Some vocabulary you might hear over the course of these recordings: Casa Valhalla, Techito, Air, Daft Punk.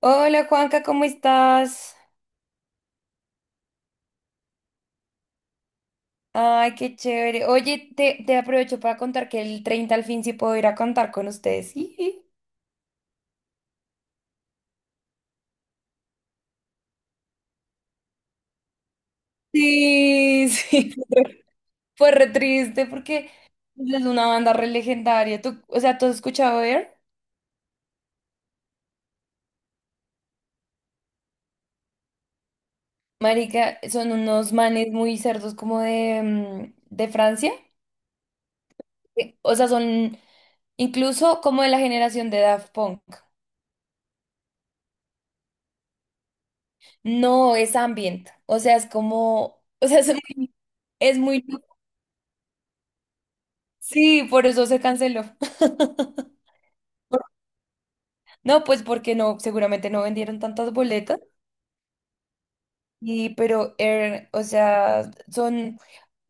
Hola Juanca, ¿cómo estás? Ay, qué chévere. Oye, te aprovecho para contar que el 30 al fin sí puedo ir a contar con ustedes. Jiji. Sí, sí, fue re triste porque es una banda re legendaria. ¿Tú has escuchado Air? Marica, son unos manes muy cerdos como de de Francia. O sea, son incluso como de la generación de Daft Punk. No, es ambient. O sea, es como, o sea, es muy loco. Sí, por eso se canceló. No, pues porque no, seguramente no vendieron tantas boletas. Y pero Air, o sea, son,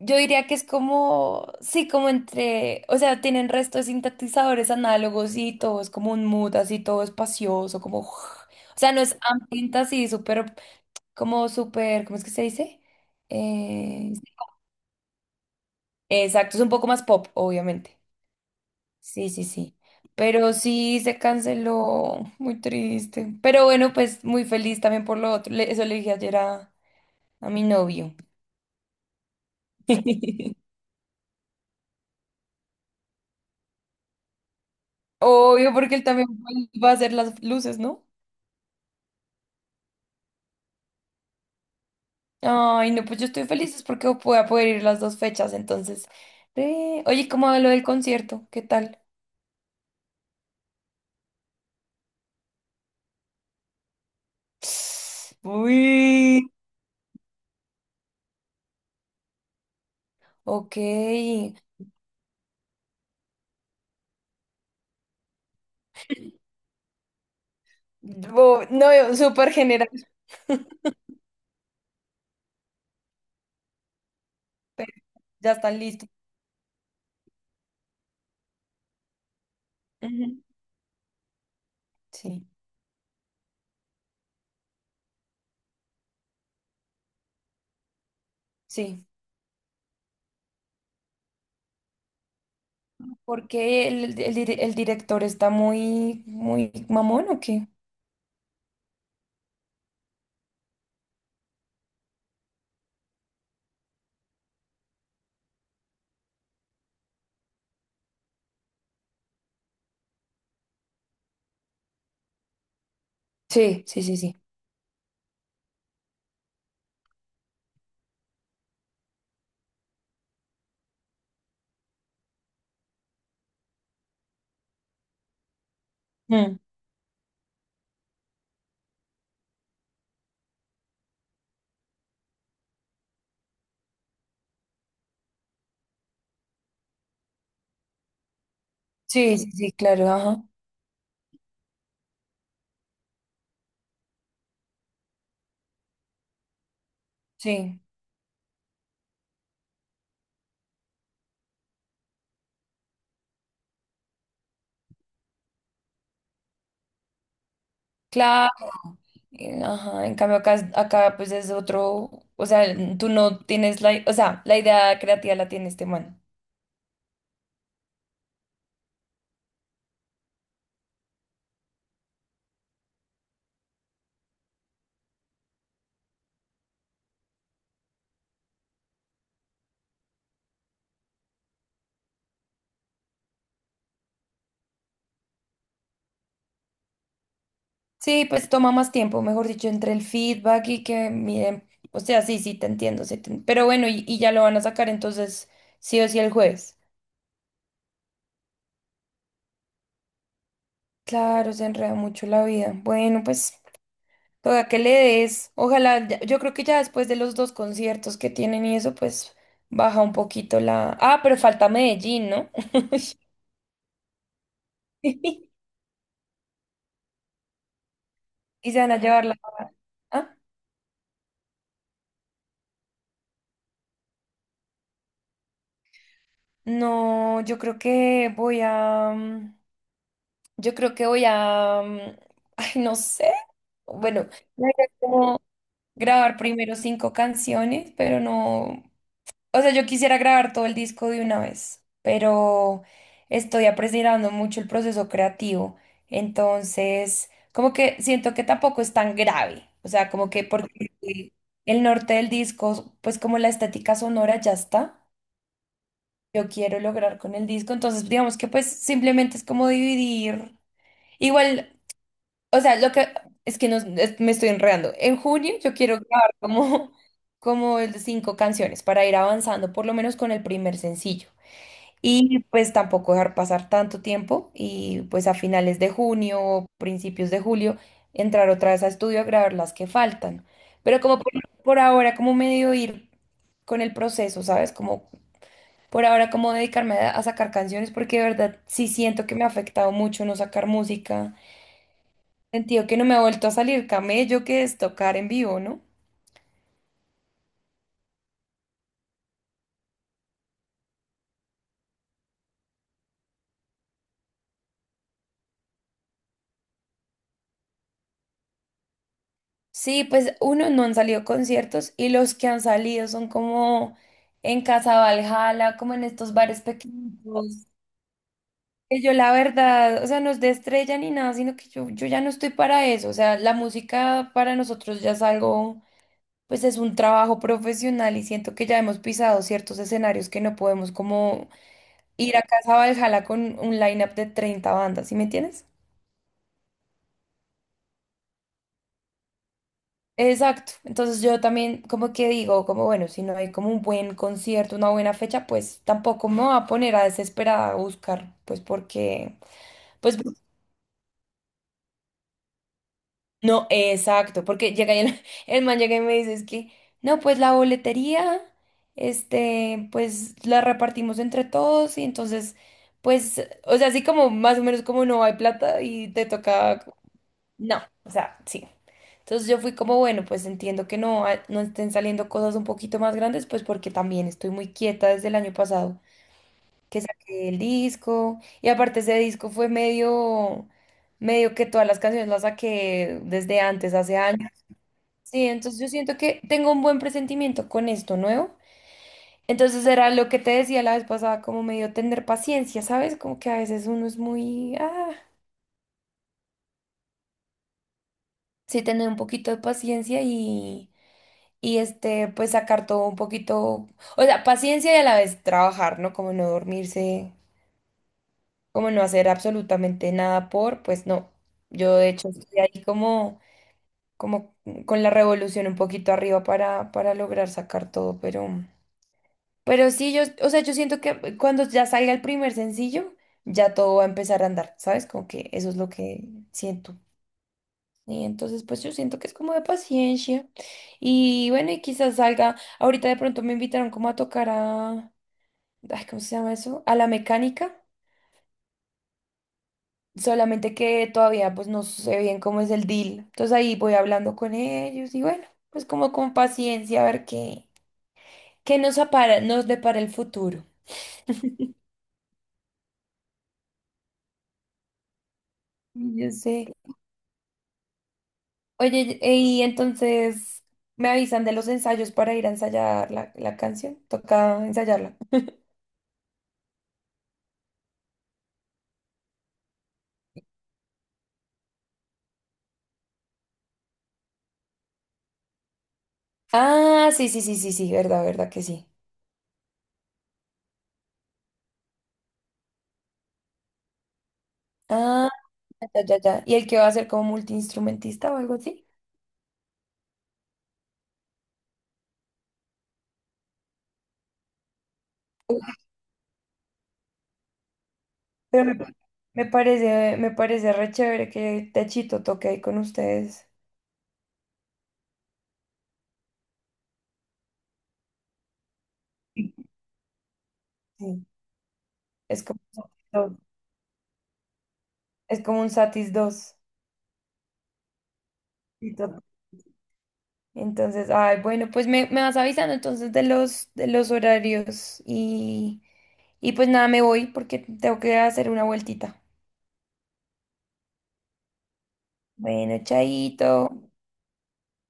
yo diría que es como, sí, como entre, o sea, tienen restos sintetizadores análogos y todo es como un mood así todo espacioso, como, o sea, no es ambiente así súper, como súper, ¿cómo es que se dice? Sí, exacto, es un poco más pop, obviamente. Sí, sí, sí. Pero sí se canceló. Muy triste. Pero bueno, pues muy feliz también por lo otro. Eso le dije ayer a mi novio. Obvio, porque él también va a hacer las luces, ¿no? Ay, no, pues yo estoy feliz es porque voy a poder ir las 2 fechas, entonces. Oye, ¿cómo va lo del concierto? ¿Qué tal? Uy, ok. No, súper general, pero ya están listos. Ujú, sí, sí. Porque el director está muy mamón, ¿o qué? Sí, sí, sí, sí. Mm. Sí, sí, sí, claro, ajá. Sí, claro. Ajá. En cambio acá, acá pues es otro, o sea, tú no tienes la, o sea, la idea creativa la tiene este man. Sí, pues toma más tiempo, mejor dicho, entre el feedback y que miren, o sea, sí, sí, te entiendo, sí, pero bueno, y ya lo van a sacar entonces sí o sí el jueves. Claro, se enreda mucho la vida. Bueno, pues. Toda que le des. Ojalá, yo creo que ya después de los 2 conciertos que tienen y eso, pues baja un poquito la. Ah, pero falta Medellín, ¿no? Y se van a llevar la. Ah, no, yo creo que yo creo que ay, no sé. Bueno, la idea es como grabar primero 5 canciones, pero no. O sea, yo quisiera grabar todo el disco de una vez, pero estoy apreciando mucho el proceso creativo. Entonces, como que siento que tampoco es tan grave. O sea, como que porque el norte del disco, pues como la estética sonora ya está yo quiero lograr con el disco. Entonces, digamos que pues simplemente es como dividir. Igual, o sea, lo que es que no, me estoy enredando. En junio yo quiero grabar como, como el de 5 canciones para ir avanzando, por lo menos con el primer sencillo. Y pues tampoco dejar pasar tanto tiempo y pues a finales de junio o principios de julio entrar otra vez a estudio a grabar las que faltan. Pero como por ahora, como medio ir con el proceso, ¿sabes? Como por ahora, como dedicarme a sacar canciones porque de verdad sí siento que me ha afectado mucho no sacar música. Sentido que no me ha vuelto a salir camello que es tocar en vivo, ¿no? Sí, pues uno no han salido conciertos y los que han salido son como en Casa Valhalla, como en estos bares pequeños. Que yo la verdad, o sea, no es de estrella ni nada, sino que yo ya no estoy para eso. O sea, la música para nosotros ya es algo, pues es un trabajo profesional y siento que ya hemos pisado ciertos escenarios que no podemos como ir a Casa Valhalla con un line-up de 30 bandas, ¿sí me entiendes? Exacto. Entonces yo también como que digo, como bueno, si no hay como un buen concierto, una buena fecha, pues tampoco me voy a poner a desesperada a buscar, pues porque, pues no, exacto, porque llega y el, el man llega y me dice, es que, no, pues la boletería, este, pues la repartimos entre todos y entonces, pues, o sea, así como más o menos como no hay plata y te toca no, o sea, sí. Entonces yo fui como, bueno, pues entiendo que no, ah, no estén saliendo cosas un poquito más grandes, pues porque también estoy muy quieta desde el año pasado, que saqué el disco, y aparte ese disco fue medio, medio que todas las canciones las saqué desde antes, hace años. Sí, entonces yo siento que tengo un buen presentimiento con esto nuevo. Entonces era lo que te decía la vez pasada, como medio tener paciencia, ¿sabes? Como que a veces uno es muy, ah, sí, tener un poquito de paciencia y este, pues sacar todo un poquito, o sea, paciencia y a la vez trabajar, ¿no? Como no dormirse, como no hacer absolutamente nada por, pues no. Yo de hecho estoy ahí como, como con la revolución un poquito arriba para lograr sacar todo, pero sí, yo, o sea, yo siento que cuando ya salga el primer sencillo, ya todo va a empezar a andar, ¿sabes? Como que eso es lo que siento. Y entonces, pues yo siento que es como de paciencia. Y bueno, y quizás salga. Ahorita de pronto me invitaron como a tocar a. Ay, ¿cómo se llama eso? A la mecánica. Solamente que todavía pues no sé bien cómo es el deal. Entonces ahí voy hablando con ellos y bueno, pues como con paciencia a ver qué, nos depara el futuro. Y yo sé. Oye, y entonces me avisan de los ensayos para ir a ensayar la canción. Toca ensayarla. Ah, sí, sí, sí, sí, sí, verdad, verdad que sí. Ah, ya, ya, ya. ¿Y el que va a ser como multiinstrumentista o algo así? Uy, pero me parece re chévere que Techito toque ahí con ustedes. Sí. Es como un Satis dos, es como un Satis 2. Sí, total. Entonces, ay, bueno, pues me vas avisando entonces de los horarios y pues nada, me voy porque tengo que hacer una vueltita. Bueno, chaito.